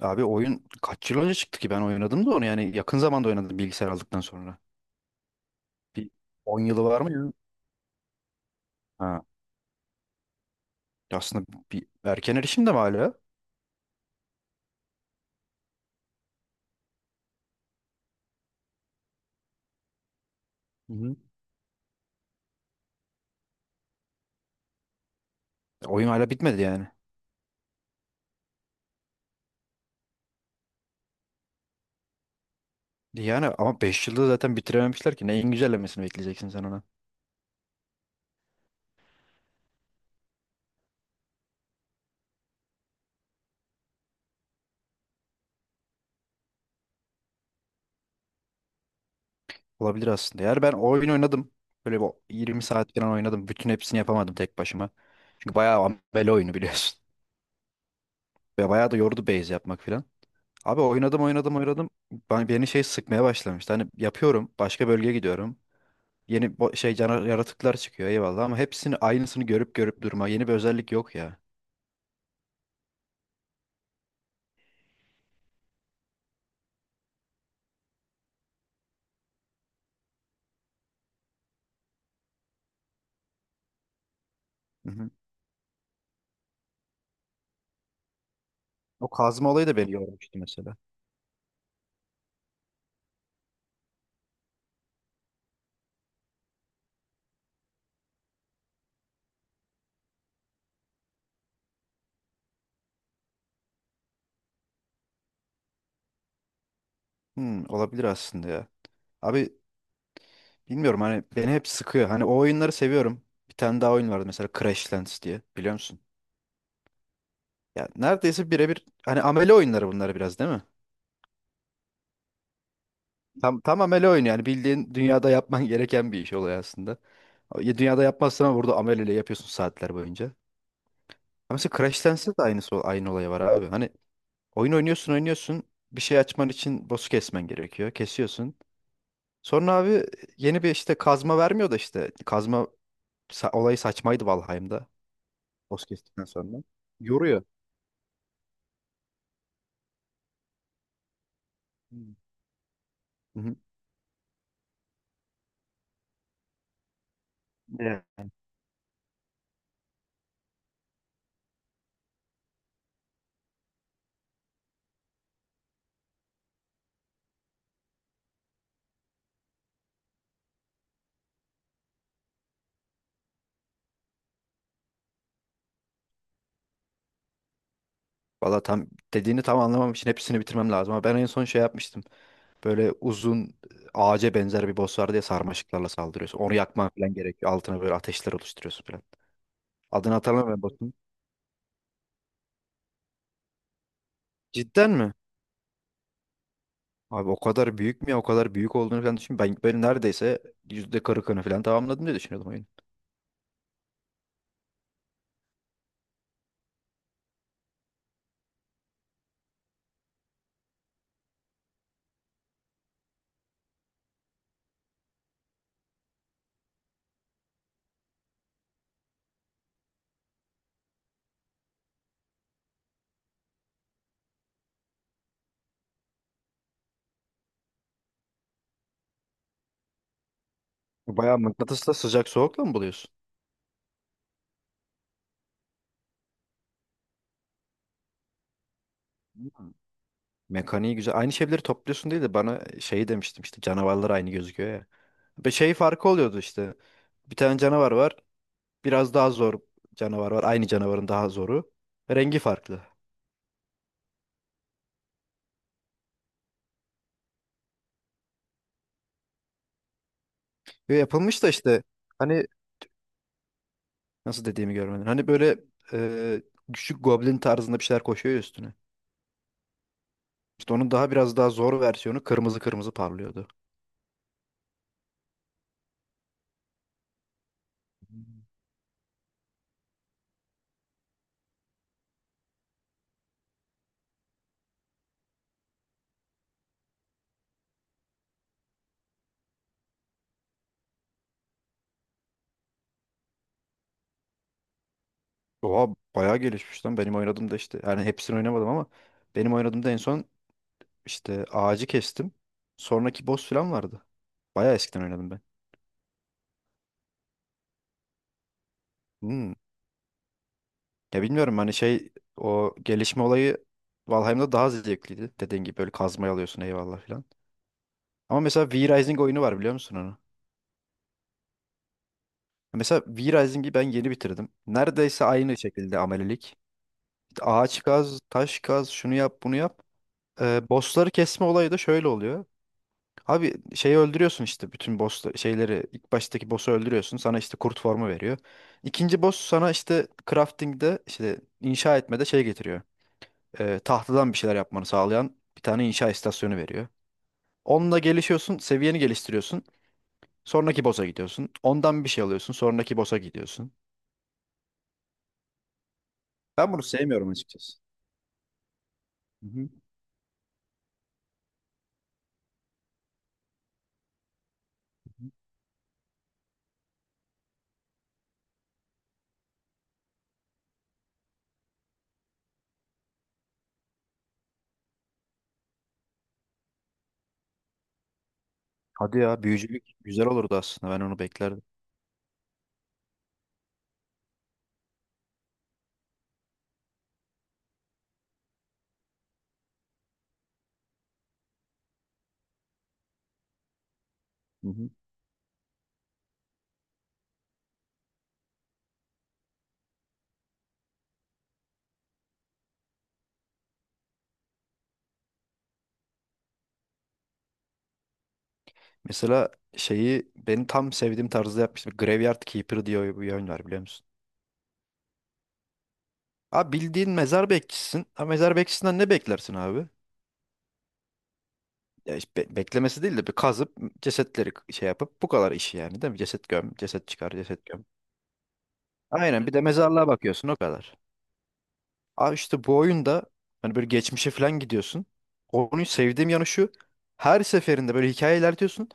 Abi oyun kaç yıl önce çıktı ki ben oynadım da onu, yani yakın zamanda oynadım bilgisayar aldıktan sonra. Bir 10 var mı ya? Ha. Aslında bir erken erişim de mi hala? Hı hı. Oyun hala bitmedi yani. Yani ama 5 zaten bitirememişler ki, neyin güncellemesini bekleyeceksin sen ona. Olabilir aslında. Yani ben oyun oynadım. Böyle bir 20 saat falan oynadım. Bütün hepsini yapamadım tek başıma. Çünkü bayağı ambele oyunu biliyorsun. Ve bayağı da yordu base yapmak falan. Abi oynadım, oynadım, oynadım. Beni şey sıkmaya başlamıştı. Hani yapıyorum. Başka bölgeye gidiyorum. Yeni bo- şey cana- yaratıklar çıkıyor, eyvallah, ama hepsini aynısını görüp görüp durma. Yeni bir özellik yok ya. Hı hı. O kazma olayı da beni yormuştu mesela. Hmm, olabilir aslında ya. Abi bilmiyorum, hani beni hep sıkıyor. Hani o oyunları seviyorum. Bir tane daha oyun vardı mesela, Crashlands diye, biliyor musun? Ya neredeyse birebir, hani amele oyunları bunlar biraz, değil mi? Tam amele oyunu yani, bildiğin dünyada yapman gereken bir iş oluyor aslında. Ya dünyada yapmazsan ama burada ameleyle yapıyorsun saatler boyunca. Ama mesela Crash Dance'de de aynısı, aynı olay var abi. Hani oyun oynuyorsun, oynuyorsun. Bir şey açman için boss'u kesmen gerekiyor. Kesiyorsun. Sonra abi yeni bir işte kazma vermiyor da işte. Olayı saçmaydı Valheim'da. Boss kestikten sonra. Yoruyor. Hı hı. Evet. Valla tam Dediğini tam anlamam için hepsini bitirmem lazım. Ama ben en son şey yapmıştım. Böyle uzun ağaca benzer bir boss vardı ya, sarmaşıklarla saldırıyorsun. Onu yakman falan gerekiyor. Altına böyle ateşler oluşturuyorsun falan. Adını hatırlamıyorum boss'un. Cidden mi? Abi o kadar büyük mü ya? O kadar büyük olduğunu falan düşün. Ben neredeyse %40'ını falan tamamladım diye düşünüyordum oyunu. Bayağı mıknatısla, sıcak soğukla mı buluyorsun? Hmm. Mekaniği güzel. Aynı şeyleri topluyorsun değil de, bana şey demiştim işte, canavarlar aynı gözüküyor ya. Ve şey farkı oluyordu işte. Bir tane canavar var. Biraz daha zor canavar var. Aynı canavarın daha zoru. Rengi farklı. Ve yapılmış da işte, hani nasıl dediğimi görmedin. Hani böyle e, küçük goblin tarzında bir şeyler koşuyor ya üstüne. İşte onun daha biraz daha zor versiyonu kırmızı kırmızı parlıyordu. Oha bayağı gelişmiş lan. Benim oynadığımda işte, yani hepsini oynamadım ama benim oynadığımda en son işte ağacı kestim. Sonraki boss falan vardı. Bayağı eskiden oynadım ben. Hmm. Ya bilmiyorum, hani şey, o gelişme olayı Valheim'da daha zevkliydi. Dediğin gibi böyle kazmayı alıyorsun eyvallah falan. Ama mesela V-Rising oyunu var, biliyor musun onu? Mesela V-Rising'i ben yeni bitirdim. Neredeyse aynı şekilde amelilik. İşte ağaç kaz, taş kaz, şunu yap, bunu yap. Bossları kesme olayı da şöyle oluyor. Abi şeyi öldürüyorsun işte, bütün boss şeyleri, ilk baştaki boss'u öldürüyorsun. Sana işte kurt formu veriyor. İkinci boss sana işte crafting'de, işte inşa etmede şey getiriyor. Tahtadan bir şeyler yapmanı sağlayan bir tane inşa istasyonu veriyor. Onunla gelişiyorsun, seviyeni geliştiriyorsun. Sonraki boss'a gidiyorsun. Ondan bir şey alıyorsun, sonraki boss'a gidiyorsun. Ben bunu sevmiyorum açıkçası. Hı hı. Hadi ya, büyücülük güzel olurdu aslında. Ben onu beklerdim. Mesela şeyi benim tam sevdiğim tarzda yapmıştım. Graveyard Keeper diye bir oyun var, biliyor musun? Abi bildiğin mezar bekçisisin. Ha, mezar bekçisinden ne beklersin abi? Ya işte beklemesi değil de, bir kazıp cesetleri şey yapıp, bu kadar işi yani, değil mi? Ceset göm, ceset çıkar, ceset göm. Aynen, bir de mezarlığa bakıyorsun o kadar. Abi işte bu oyunda hani böyle geçmişe falan gidiyorsun. Oyunu sevdiğim yanı şu. Her seferinde böyle hikaye ilerliyorsun.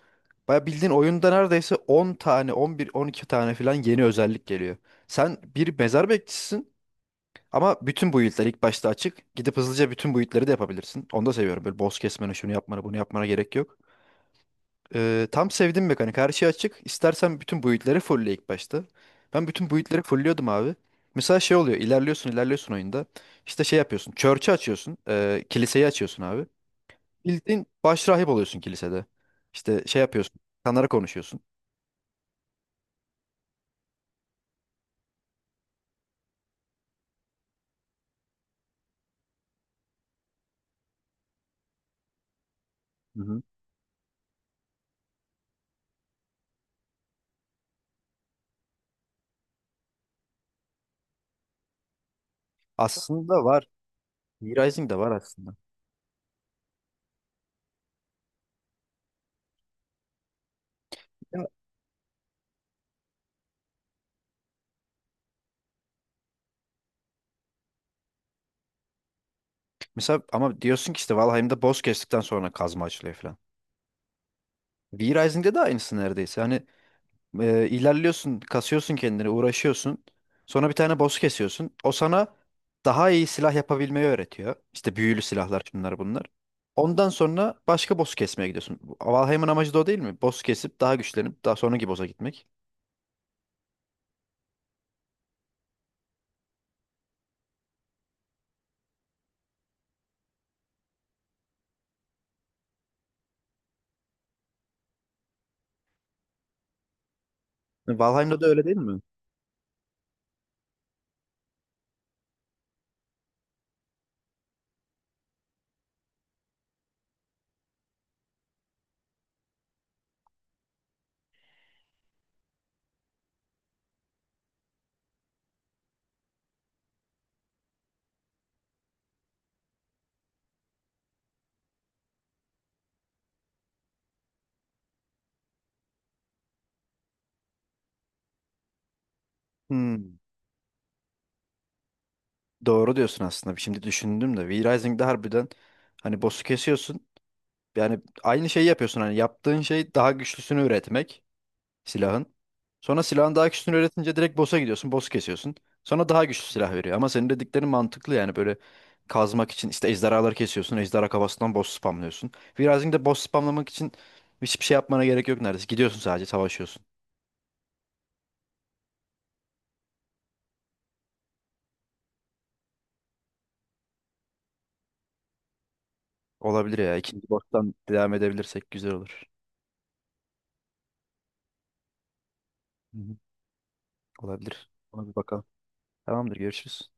Baya bildiğin oyunda neredeyse 10 tane, 11, 12 tane falan yeni özellik geliyor. Sen bir mezar bekçisisin ama bütün build'ler ilk başta açık. Gidip hızlıca bütün build'leri de yapabilirsin. Onu da seviyorum. Böyle boss kesmene, şunu yapmana, bunu yapmana gerek yok. Tam sevdim mekanik. Her şey açık. İstersen bütün build'leri fullle ilk başta. Ben bütün build'leri fullliyordum abi. Mesela şey oluyor, ilerliyorsun, ilerliyorsun oyunda. İşte şey yapıyorsun. Church'ı açıyorsun. Kiliseyi açıyorsun abi. Bildiğin başrahip oluyorsun kilisede. İşte şey yapıyorsun. İnsanlara konuşuyorsun. Hı hı. Aslında var. New Rising de var aslında. Ya, mesela ama diyorsun ki işte Valheim'de boss kestikten sonra kazma açılıyor falan. V-Rising'de de aynısı neredeyse. Hani ilerliyorsun, kasıyorsun kendini, uğraşıyorsun. Sonra bir tane boss kesiyorsun. O sana daha iyi silah yapabilmeyi öğretiyor. İşte büyülü silahlar, şunlar bunlar. Ondan sonra başka boss kesmeye gidiyorsun. Valheim'ın amacı da o değil mi? Boss kesip daha güçlenip daha sonraki boss'a gitmek. Valheim'da da öyle değil mi? Hmm, doğru diyorsun aslında. Şimdi düşündüm de. V-Rising'de harbiden hani boss'u kesiyorsun. Yani aynı şeyi yapıyorsun. Hani yaptığın şey daha güçlüsünü üretmek silahın. Sonra silahın daha güçlüsünü üretince direkt boss'a gidiyorsun. Boss kesiyorsun. Sonra daha güçlü silah veriyor. Ama senin dediklerin mantıklı yani, böyle kazmak için işte ejderhaları kesiyorsun. Ejderha kafasından boss spamlıyorsun. Virazing'de boss spamlamak için hiçbir şey yapmana gerek yok neredeyse. Gidiyorsun sadece savaşıyorsun. Olabilir ya. İkinci boss'tan devam edebilirsek güzel olur. Hı hı. Olabilir. Ona bir bakalım. Tamamdır, görüşürüz.